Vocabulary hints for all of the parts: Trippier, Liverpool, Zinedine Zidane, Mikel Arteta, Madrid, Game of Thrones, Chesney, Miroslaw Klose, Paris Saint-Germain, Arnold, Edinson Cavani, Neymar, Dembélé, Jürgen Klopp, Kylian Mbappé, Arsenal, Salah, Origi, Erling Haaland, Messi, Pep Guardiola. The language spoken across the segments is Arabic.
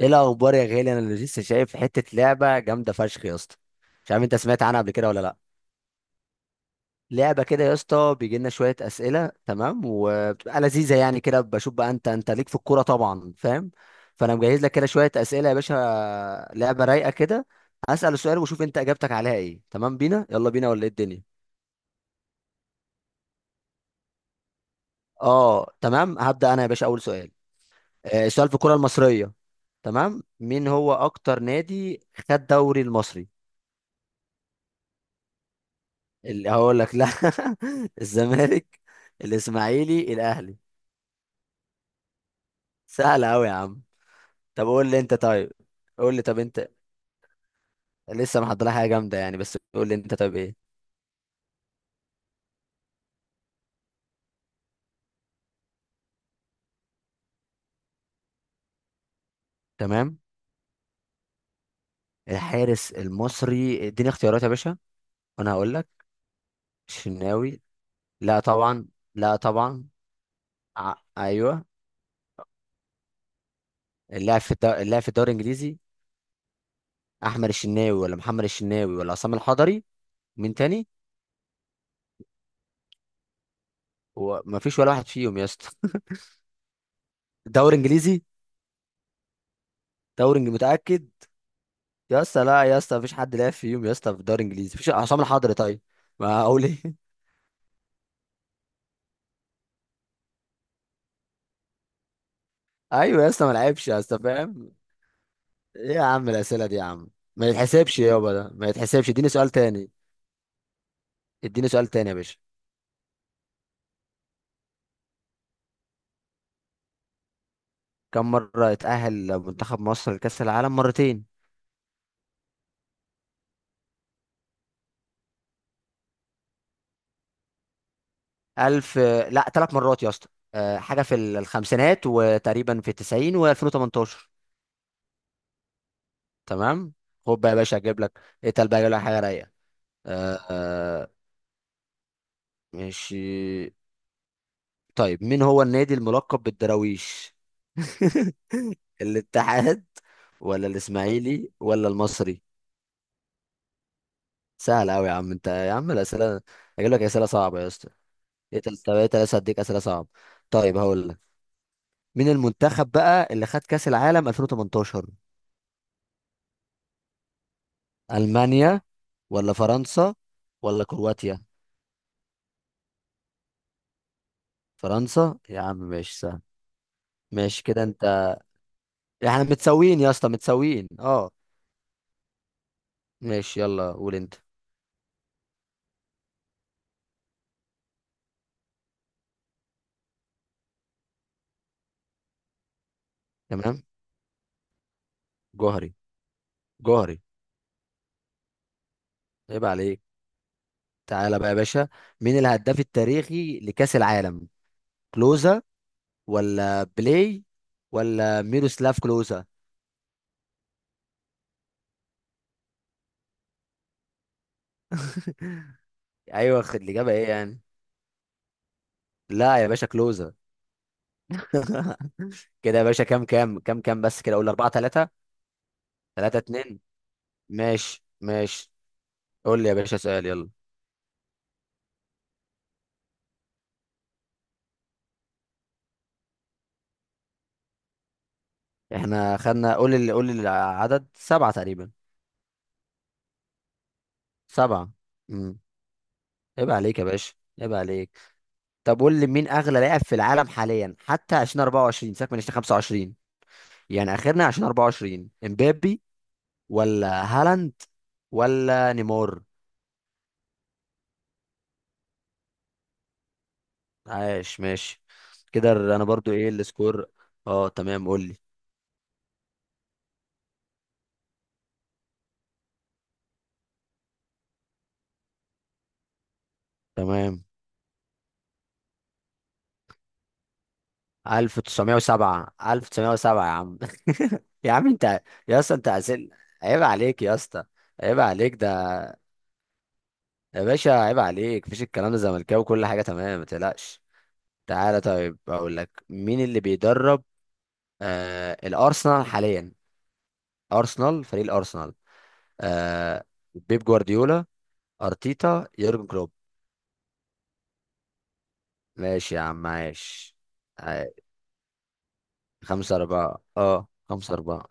ايه الاخبار يا غالي؟ انا لسه شايف حته لعبه جامده فشخ يا اسطى. مش عارف انت سمعت عنها قبل كده ولا لا. لعبه كده يا اسطى، بيجي لنا شويه اسئله، تمام، وبتبقى لذيذه يعني. كده بشوف بقى انت ليك في الكوره طبعا، فاهم؟ فانا مجهز لك كده شويه اسئله يا باشا. لعبه رايقه كده. هسال سؤال وشوف انت اجابتك عليها ايه، تمام؟ بينا، يلا بينا ولا ايه الدنيا؟ اه تمام، هبدا انا يا باشا اول سؤال. السؤال في الكوره المصريه. تمام، مين هو اكتر نادي خد دوري المصري؟ اللي هقول لك لا. الزمالك، الاسماعيلي، الاهلي. سهله قوي يا عم. طب قول لي انت طيب. قول لي طب انت. لسه محضر لها حاجه جامده يعني، بس قول لي انت طيب ايه. تمام، الحارس المصري، اديني اختيارات يا باشا وانا هقول لك. الشناوي؟ لا طبعا. لا طبعا. ايوه. اللاعب في الدوري الانجليزي. احمد الشناوي ولا محمد الشناوي ولا عصام الحضري؟ مين تاني؟ ومفيش ولا واحد فيهم يا اسطى؟ دوري انجليزي. متاكد؟ يا اسطى لا يا اسطى، مفيش حد لعب فيهم يا اسطى في الدوري الانجليزي، مفيش عصام الحضري طيب. ما اقول ايه. ايوه يا اسطى، ما لعبش يا اسطى، فاهم. ايه يا عم الاسئله دي يا عم؟ ما يتحسبش يابا، ده ما يتحسبش، اديني سؤال تاني. اديني سؤال تاني يا باشا. كم مره اتاهل منتخب مصر لكاس العالم؟ مرتين. الف. لا ثلاث مرات يا اسطى. حاجه في الخمسينات، وتقريبا في 90 و2018. تمام. خد بقى يا باشا اجيب لك. اتقل بقى اجيب لك حاجه رايقه. أه أه ماشي. طيب مين هو النادي الملقب بالدراويش؟ الاتحاد ولا الاسماعيلي ولا المصري؟ سهل قوي يا عم انت يا عم الاسئله. اجيب لك اسئله صعبه يا اسطى. طب ايه تلاته هديك اسئله صعبه؟ طيب هقول لك. مين المنتخب بقى اللي خد كاس العالم 2018؟ المانيا ولا فرنسا ولا كرواتيا؟ فرنسا يا عم. ماشي سهل. ماشي كده انت. احنا متساويين يا اسطى، متساويين، اه. ماشي، يلا قول انت. تمام. جوهري، جوهري. عيب عليك. تعالى بقى يا باشا. مين الهداف التاريخي لكأس العالم؟ كلوزا ولا بلاي ولا ميروسلاف كلوزا؟ ايوه خد الإجابة، ايه يعني؟ لا يا باشا كلوزا. كده يا باشا كام؟ كام كام كام بس، كده قول 4 3. 3 2. ماشي، ماشي. قول لي يا باشا سؤال، يلا. احنا خدنا، قول لي، قول لي العدد. سبعة تقريبا. سبعة. امم. عيب عليك يا باشا، عيب عليك. طب قول لي، مين اغلى لاعب في العالم حاليا حتى 2024، سيبك من 2025، يعني اخرنا عشان 24؟ امبابي ولا هالاند ولا نيمار؟ عاش. ماشي كده انا برضو، ايه السكور؟ اه تمام، قول لي. تمام. 1907، 1907 يا عم. يا عم انت، يا اسطى انت عسل. عيب عليك يا اسطى، عيب عليك ده يا باشا، عيب عليك. مفيش الكلام ده، زملكاوي وكل حاجه تمام، ما تقلقش. تعالى. طيب اقول لك، مين اللي بيدرب الارسنال حاليا؟ ارسنال، فريق الارسنال. آه بيب جوارديولا، ارتيتا، يورجن كلوب؟ ماشي يا عم، عايش. عايش. خمسة أربعة، اه خمسة أربعة.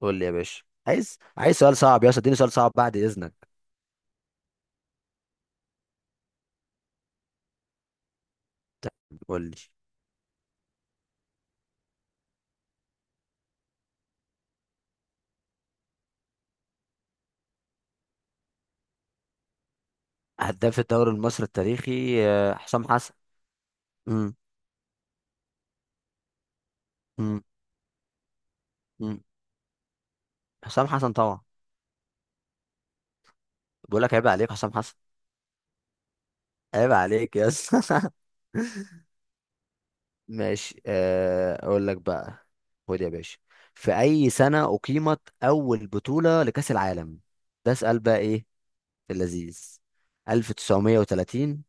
قول لي يا باشا، عايز عايز سؤال صعب يا اسطى، اديني سؤال صعب بعد إذنك. طيب، قول لي. هداف الدوري المصري التاريخي، حسام حسن. امم امم امم. حسام حسن طبعا. بقول لك عيب عليك، حسام حسن. عيب عليك يا اسطى. ماشي، اقول لك بقى. خد يا باشا. في اي سنة اقيمت اول بطولة لكأس العالم؟ ده اسأل بقى ايه، في اللذيذ. 1930،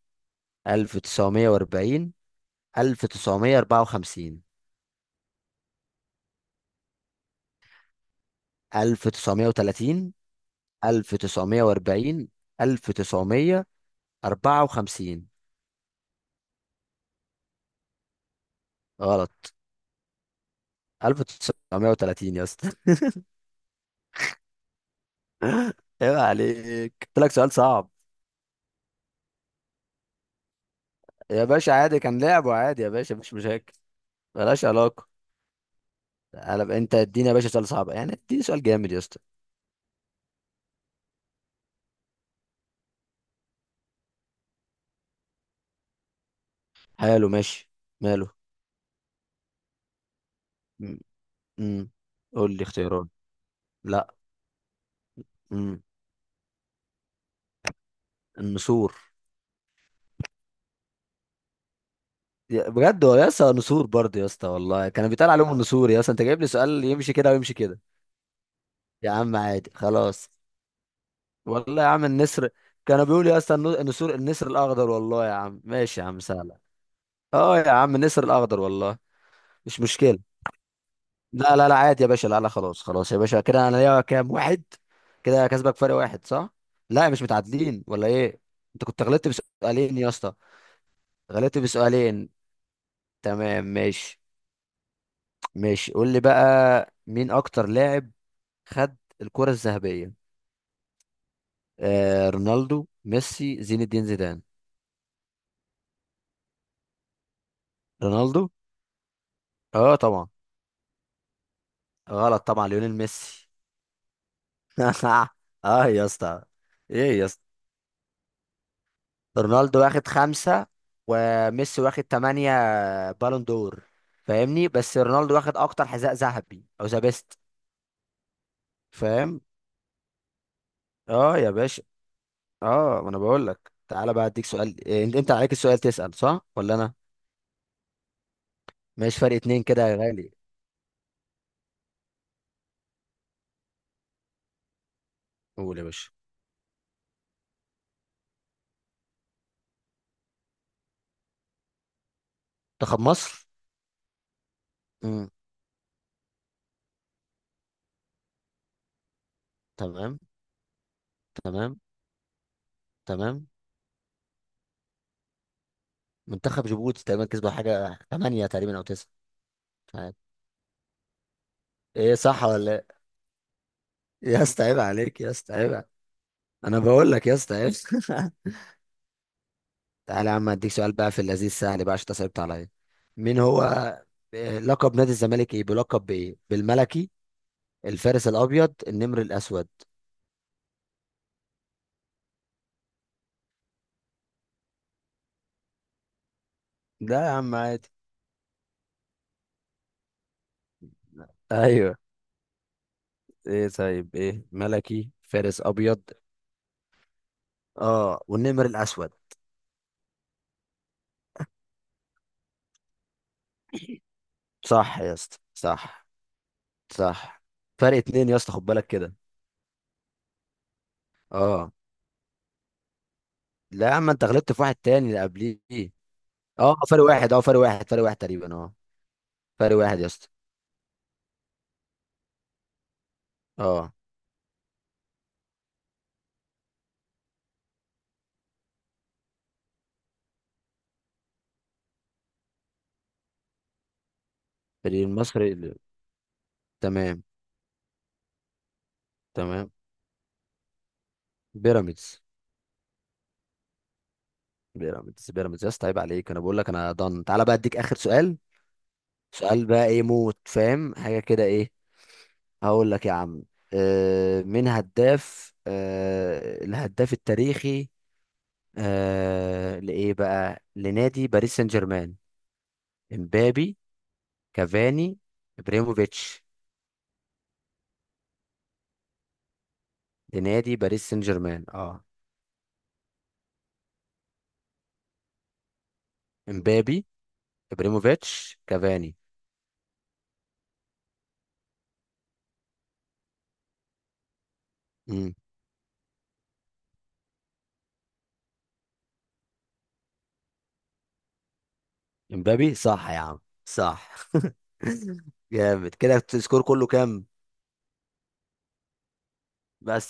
1940، 1954. 1930، 1940، 1954. غلط، 1930 يا اسطى. عيب عليك، قلت لك سؤال صعب. يا باشا عادي، كان لعبه عادي يا باشا، مش مشاكل. ملهاش علاقة. قلب انت، اديني يا باشا سؤال صعب يعني، اديني سؤال جامد يا اسطى. حلو، ماشي. ماله. مم. مم. قول لي اختيارات. لا. مم. النسور. يا- بجد هو يا اسطى نسور برضه يا اسطى، والله كان بيتقال عليهم النسور يا اسطى، انت جايب لي سؤال يمشي كده ويمشي كده. يا عم عادي خلاص. والله يا عم النسر. كانوا بيقولوا يا اسطى النسور، النسر الاخضر، والله يا عم. ماشي يا عم، سهله. اه يا عم النسر الاخضر، والله. مش مشكله. لا لا لا عادي يا باشا، لا لا خلاص، خلاص يا باشا، كده انا ليا كام واحد. كده كسبك فرق واحد، صح؟ لا مش متعادلين، ولا ايه؟ انت كنت غلطت بسؤالين يا اسطى. غلطت بسؤالين. تمام، ماشي ماشي. قول لي بقى، مين اكتر لاعب خد الكرة الذهبية؟ آه رونالدو، ميسي، زين الدين زيدان. رونالدو. اه طبعا. غلط طبعا، ليونيل ميسي. اه يا اسطى. ايه يا اسطى، رونالدو واخد خمسة وميسي واخد تمانية بالون دور، فاهمني؟ بس رونالدو واخد اكتر حذاء ذهبي او ذا بيست. فاهم. اه يا باشا. اه ما انا بقول لك، تعالى بقى اديك سؤال. انت انت عليك السؤال تسأل، صح ولا انا؟ ماشي، فرق اتنين كده يا غالي. قول يا باشا. منتخب مصر. امم. تمام. تمام. تمام. منتخب جيبوتي تقريبا، كسبوا حاجة تمانية تقريبا او تسعة. مش عارف. ايه، صح ولا إيه؟ يا اسطى عيب عليك يا اسطى، عيب عليك. انا بقول لك يا اسطى، عيب. تعالى يا عم اديك سؤال بقى في اللذيذ، سهل بقى عشان انت صعبت عليا. مين هو، لقب نادي الزمالك ايه؟ بلقب بايه، بالملكي، الفارس الابيض، النمر الاسود؟ لا يا عم عادي. ايوه. ايه طيب ايه؟ ملكي، فارس ابيض. اه والنمر الاسود. صح يا اسطى، صح. صح. فرق اتنين يا اسطى، خد بالك كده. اه. لا يا عم، انت غلطت في واحد تاني اللي قبليه. اه فرق واحد، اه فرق واحد، فرق واحد تقريبا، اه. فرق واحد يا اسطى. اه. فريق المصري. تمام. تمام. بيراميدز، بيراميدز. بيراميدز يا اسطى، عيب عليك، انا بقول لك، انا ضن. تعالى بقى اديك اخر سؤال. سؤال بقى ايه موت، فاهم حاجه كده ايه؟ هقول لك يا عم. من هداف، الهداف التاريخي، لايه بقى، لنادي باريس سان جيرمان؟ امبابي، كافاني، ابريموفيتش. لنادي باريس سان جيرمان، اه. امبابي، ابريموفيتش، كافاني. امم. امبابي صح يا عم، صح. جامد. كده السكور كله كام؟ بس.